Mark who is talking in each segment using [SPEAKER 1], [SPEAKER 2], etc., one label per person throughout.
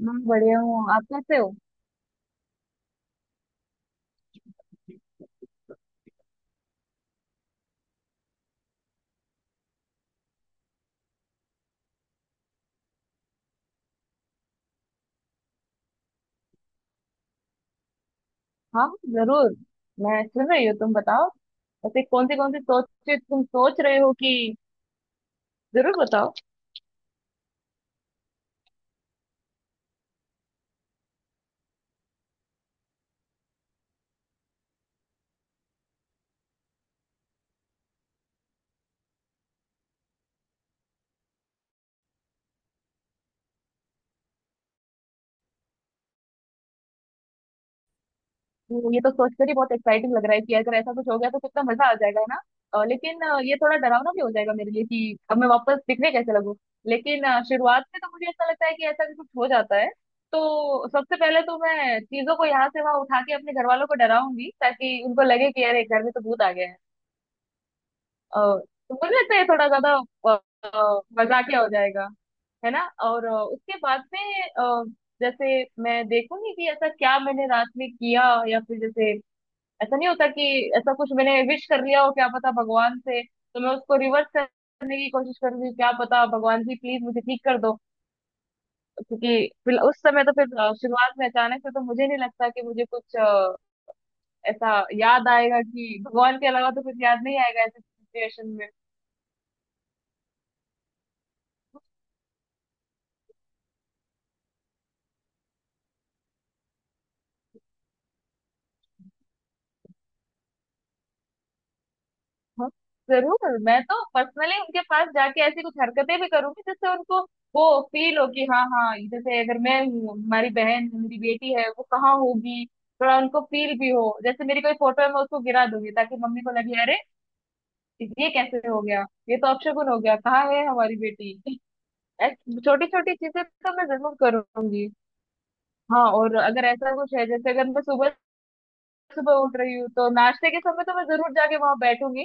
[SPEAKER 1] मैं बढ़िया हूँ। आप कैसे हो? हाँ, जरूर। मैं सुन रही हूँ, तुम बताओ। ऐसे कौन सी सोच तुम सोच रहे हो कि, जरूर बताओ। तो ये तो सोचकर ही बहुत एक्साइटिंग लग रहा है कि अगर ऐसा कुछ हो गया तो कितना मजा आ जाएगा, है ना। लेकिन ये थोड़ा डरावना भी हो जाएगा मेरे लिए कि अब मैं वापस दिखने कैसे लगूं। लेकिन शुरुआत में तो मुझे ऐसा लगता है कि ऐसा भी कुछ हो जाता है तो सबसे पहले तो मैं चीजों को यहाँ से वहां उठा के अपने घर वालों को डराऊंगी, ताकि उनको लगे कि अरे घर में तो भूत आ गया है। तो मुझे लगता है ये थोड़ा ज्यादा अ, मजाकिया हो जाएगा, है ना। और उसके बाद में अ, जैसे मैं देखूंगी कि ऐसा क्या मैंने रात में किया, या फिर जैसे ऐसा नहीं होता कि ऐसा कुछ मैंने विश कर लिया हो, क्या पता भगवान से। तो मैं उसको रिवर्स करने की कोशिश करूंगी, क्या पता, भगवान जी प्लीज मुझे ठीक कर दो। क्योंकि फिर उस समय तो फिर शुरुआत में अचानक से तो मुझे नहीं लगता कि मुझे कुछ ऐसा याद आएगा कि भगवान के अलावा तो कुछ याद नहीं आएगा ऐसी सिचुएशन में। हाँ, जरूर। मैं तो पर्सनली उनके पास जाके ऐसी कुछ हरकतें भी करूंगी जिससे उनको वो फील हो कि हाँ हाँ, जैसे अगर मैं हूँ, हमारी बहन है, मेरी बेटी है वो कहाँ होगी। थोड़ा उनको फील भी हो, जैसे मेरी कोई फोटो है मैं उसको गिरा दूंगी ताकि मम्मी को लगे, अरे ये कैसे हो गया, ये तो अपशगुन हो गया, कहाँ है हमारी बेटी। छोटी छोटी चीजें तो मैं जरूर करूंगी। हाँ, और अगर ऐसा कुछ है जैसे अगर मैं सुबह सुबह उठ रही हूँ तो नाश्ते के समय तो मैं जरूर जाके वहां बैठूंगी।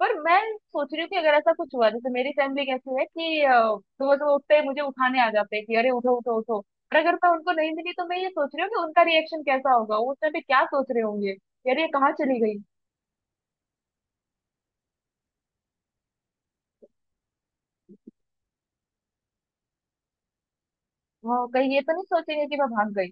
[SPEAKER 1] पर मैं सोच रही हूँ कि अगर ऐसा कुछ हुआ, जैसे मेरी फैमिली कैसी है कि सुबह सुबह उठते ही मुझे उठाने आ जाते हैं कि अरे उठो उठो उठो। पर अगर मैं उनको नहीं मिली तो मैं ये सोच रही हूँ कि उनका रिएक्शन कैसा होगा, वो उस टाइम पे क्या सोच रहे होंगे कि अरे ये कहाँ चली गई। हाँ, कहीं ये तो नहीं सोचेंगे कि मैं भाग गई।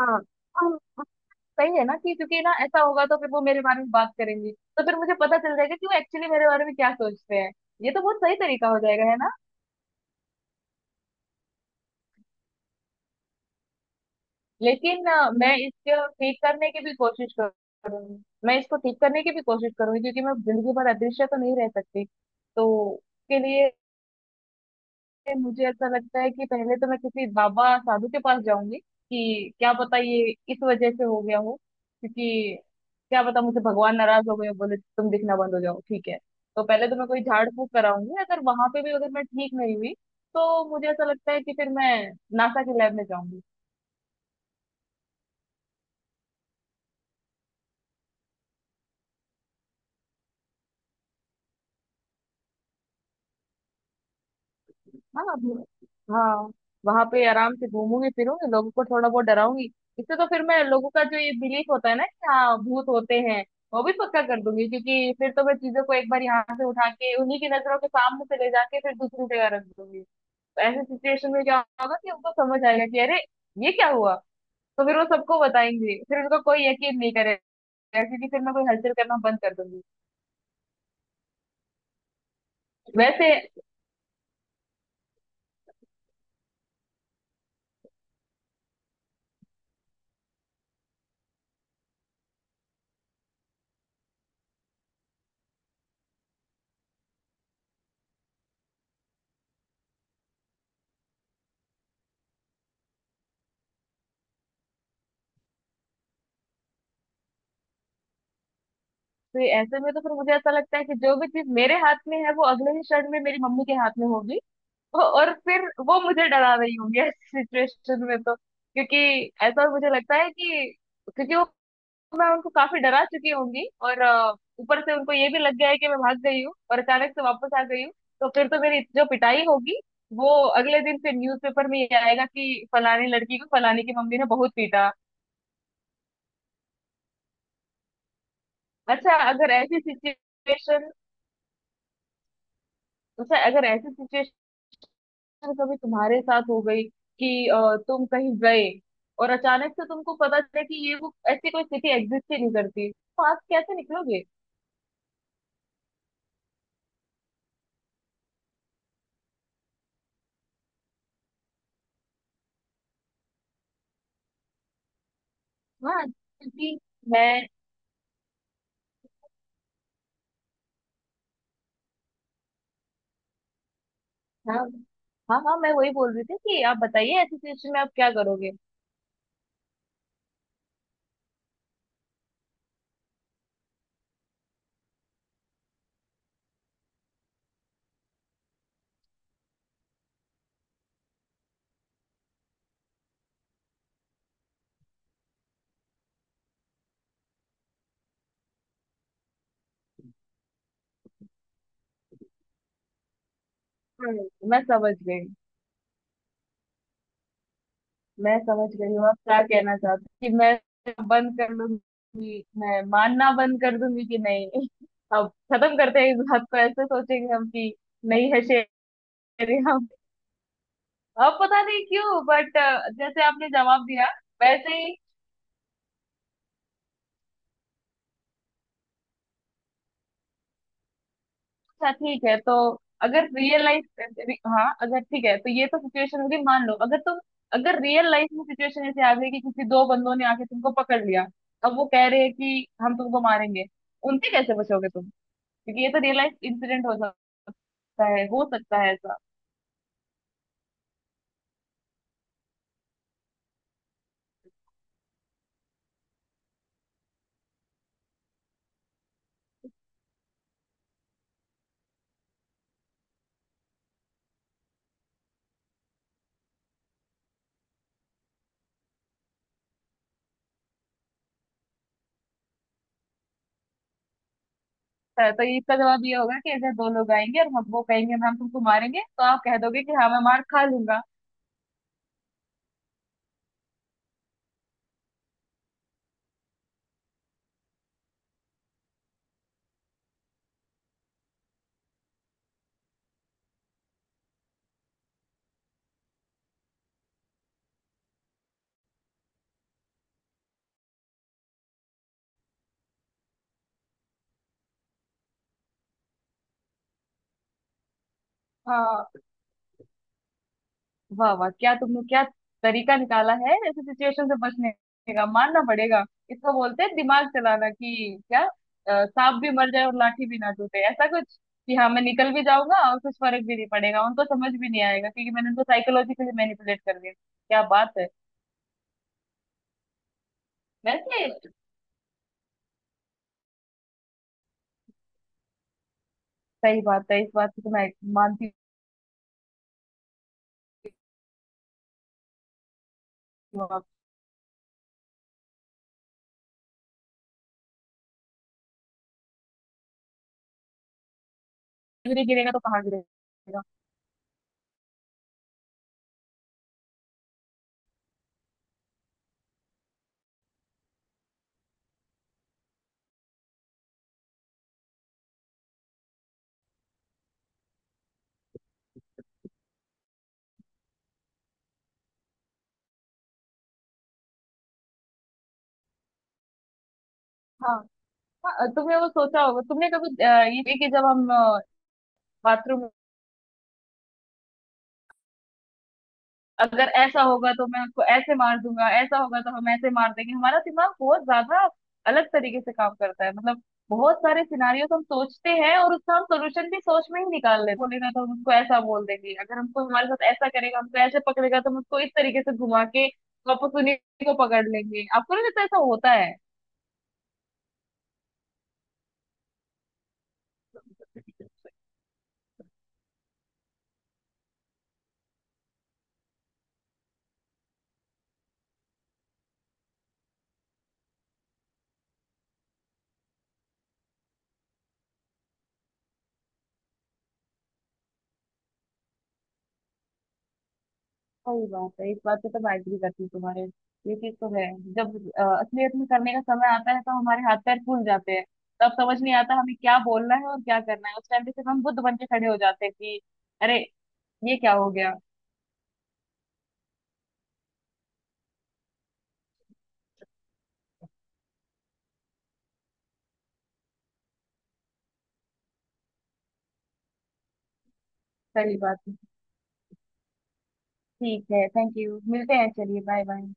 [SPEAKER 1] हाँ। हम। सही है ना कि, क्योंकि ना ऐसा होगा तो फिर वो मेरे बारे में बात करेंगे तो फिर मुझे पता चल जाएगा कि वो एक्चुअली मेरे बारे में क्या सोचते हैं। ये तो बहुत सही तरीका हो जाएगा, है ना। लेकिन मैं इसको ठीक करने की भी कोशिश करूंगी। मैं इसको ठीक करने की भी कोशिश करूंगी क्योंकि मैं जिंदगी भर अदृश्य तो नहीं रह सकती। तो उसके लिए मुझे ऐसा लगता है कि पहले तो मैं किसी बाबा साधु के पास जाऊंगी कि क्या पता ये इस वजह से हो गया हो। क्योंकि क्या पता मुझे भगवान नाराज हो गए, बोले तुम दिखना बंद हो जाओ, ठीक है। तो पहले तो मैं कोई झाड़ फूक कराऊंगी। अगर वहां पे भी अगर मैं ठीक नहीं हुई तो मुझे ऐसा लगता है कि फिर मैं नासा के लैब में जाऊंगी। हाँ अब- हाँ, वहां पे आराम से घूमूंगी फिरूंगी, लोगों को थोड़ा बहुत डराऊंगी। इससे तो फिर मैं लोगों का जो ये बिलीफ होता है ना कि हाँ भूत होते हैं, वो भी पक्का कर दूंगी। क्योंकि फिर तो मैं चीजों को एक बार यहाँ से उठा के उन्हीं की नजरों के सामने से ले जाके फिर दूसरी जगह रख दूंगी। तो ऐसे सिचुएशन में क्या होगा कि उनको समझ आएगा कि अरे ये क्या हुआ। तो फिर वो सबको बताएंगे, फिर उनको कोई यकीन नहीं करेगा क्योंकि फिर मैं कोई हलचल करना बंद कर दूंगी। वैसे, तो ऐसे में तो फिर मुझे ऐसा लगता है कि जो भी चीज मेरे हाथ में है वो अगले ही क्षण में मेरी मम्मी के हाथ में होगी। और फिर वो मुझे डरा रही होंगी ऐसी सिचुएशन में, तो क्योंकि ऐसा मुझे लगता है कि, क्योंकि वो मैं उनको काफी डरा चुकी होंगी। और ऊपर से उनको ये भी लग गया है कि मैं भाग गई हूँ और अचानक से वापस आ गई हूँ। तो फिर तो मेरी जो पिटाई होगी वो अगले दिन फिर न्यूज़पेपर में ये आएगा कि फलानी लड़की को फलानी की मम्मी ने बहुत पीटा। अच्छा अगर ऐसी सिचुएशन अच्छा अगर ऐसी सिचुएशन अगर कभी तुम्हारे साथ हो गई कि तुम कहीं गए और अचानक से तुमको पता चले कि ये वो ऐसी कोई स्थिति एग्जिस्ट ही नहीं करती, तो आप कैसे निकलोगे? हाँ क्योंकि मैं हाँ हाँ हाँ मैं वही बोल रही थी कि आप बताइए ऐसी सिचुएशन में आप क्या करोगे। हाँ, मैं समझ गई। मैं समझ गई हूँ आप क्या कहना चाहते हो कि मैं बंद कर लूंगी, मैं मानना बंद कर दूंगी कि नहीं। अब खत्म करते हैं इस बात को, ऐसे सोचेंगे हम कि नहीं है शेर। अब पता नहीं क्यों बट जैसे आपने जवाब दिया वैसे ही। अच्छा, ठीक है, तो अगर रियल लाइफ, हाँ अगर ठीक है, तो ये तो सिचुएशन होगी, मान लो अगर तुम, अगर रियल लाइफ में सिचुएशन ऐसे आ गई कि किसी दो बंदों ने आके तुमको पकड़ लिया, अब वो कह रहे हैं कि हम तुमको मारेंगे, उनसे कैसे बचोगे तुम? क्योंकि ये तो रियल लाइफ इंसिडेंट हो सकता है, हो सकता है ऐसा। तो इसका जवाब ये होगा कि अगर दो लोग आएंगे और हम, वो कहेंगे हम तुमको मारेंगे तो आप कह दोगे कि हाँ मैं मार खा लूंगा। हाँ, वाह वाह, क्या तुमने क्या तरीका निकाला है ऐसे सिचुएशन से बचने का, मानना पड़ेगा। इसको बोलते हैं दिमाग चलाना कि क्या, सांप भी मर जाए और लाठी भी ना टूटे, ऐसा कुछ कि हाँ मैं निकल भी जाऊंगा और कुछ फर्क भी नहीं पड़ेगा, उनको समझ भी नहीं आएगा क्योंकि मैंने उनको साइकोलॉजिकली मैनिपुलेट कर दिया। क्या बात है। वैसे सही बात है, इस बात की तो मैं मानती हूँ आपकी। नहीं गिरेगा तो कहाँ गिरेगा। हाँ, हाँ, तुमने वो सोचा होगा तुमने कभी ये कि जब हम बाथरूम, अगर ऐसा होगा तो मैं उसको ऐसे मार दूंगा, ऐसा होगा तो हम ऐसे मार देंगे। हमारा दिमाग बहुत ज्यादा अलग तरीके से काम करता है, मतलब बहुत सारे सिनारियोस हम सोचते हैं और उसका हम सोल्यूशन भी सोच में ही निकाल लेते हैं। बोलेगा तो हम उसको ऐसा बोल देंगे, अगर हमको, हमारे साथ ऐसा करेगा, हमको ऐसे पकड़ेगा तो हम उसको इस तरीके से घुमा के वापस उन्हीं को पकड़ लेंगे। आपको नहीं लगता ऐसा होता है? सही बात है, इस बात पे तो मैं एग्री करती हूँ तुम्हारे। ये चीज तो है, जब असलियत में करने का समय आता है तो हमारे हाथ पैर फूल जाते हैं। तब समझ नहीं आता हमें क्या बोलना है और क्या करना है, उस टाइम पे सिर्फ हम बुद्ध बन के खड़े हो जाते हैं कि अरे ये क्या हो गया। सही बात है, ठीक है, थैंक यू, मिलते हैं, चलिए बाय बाय।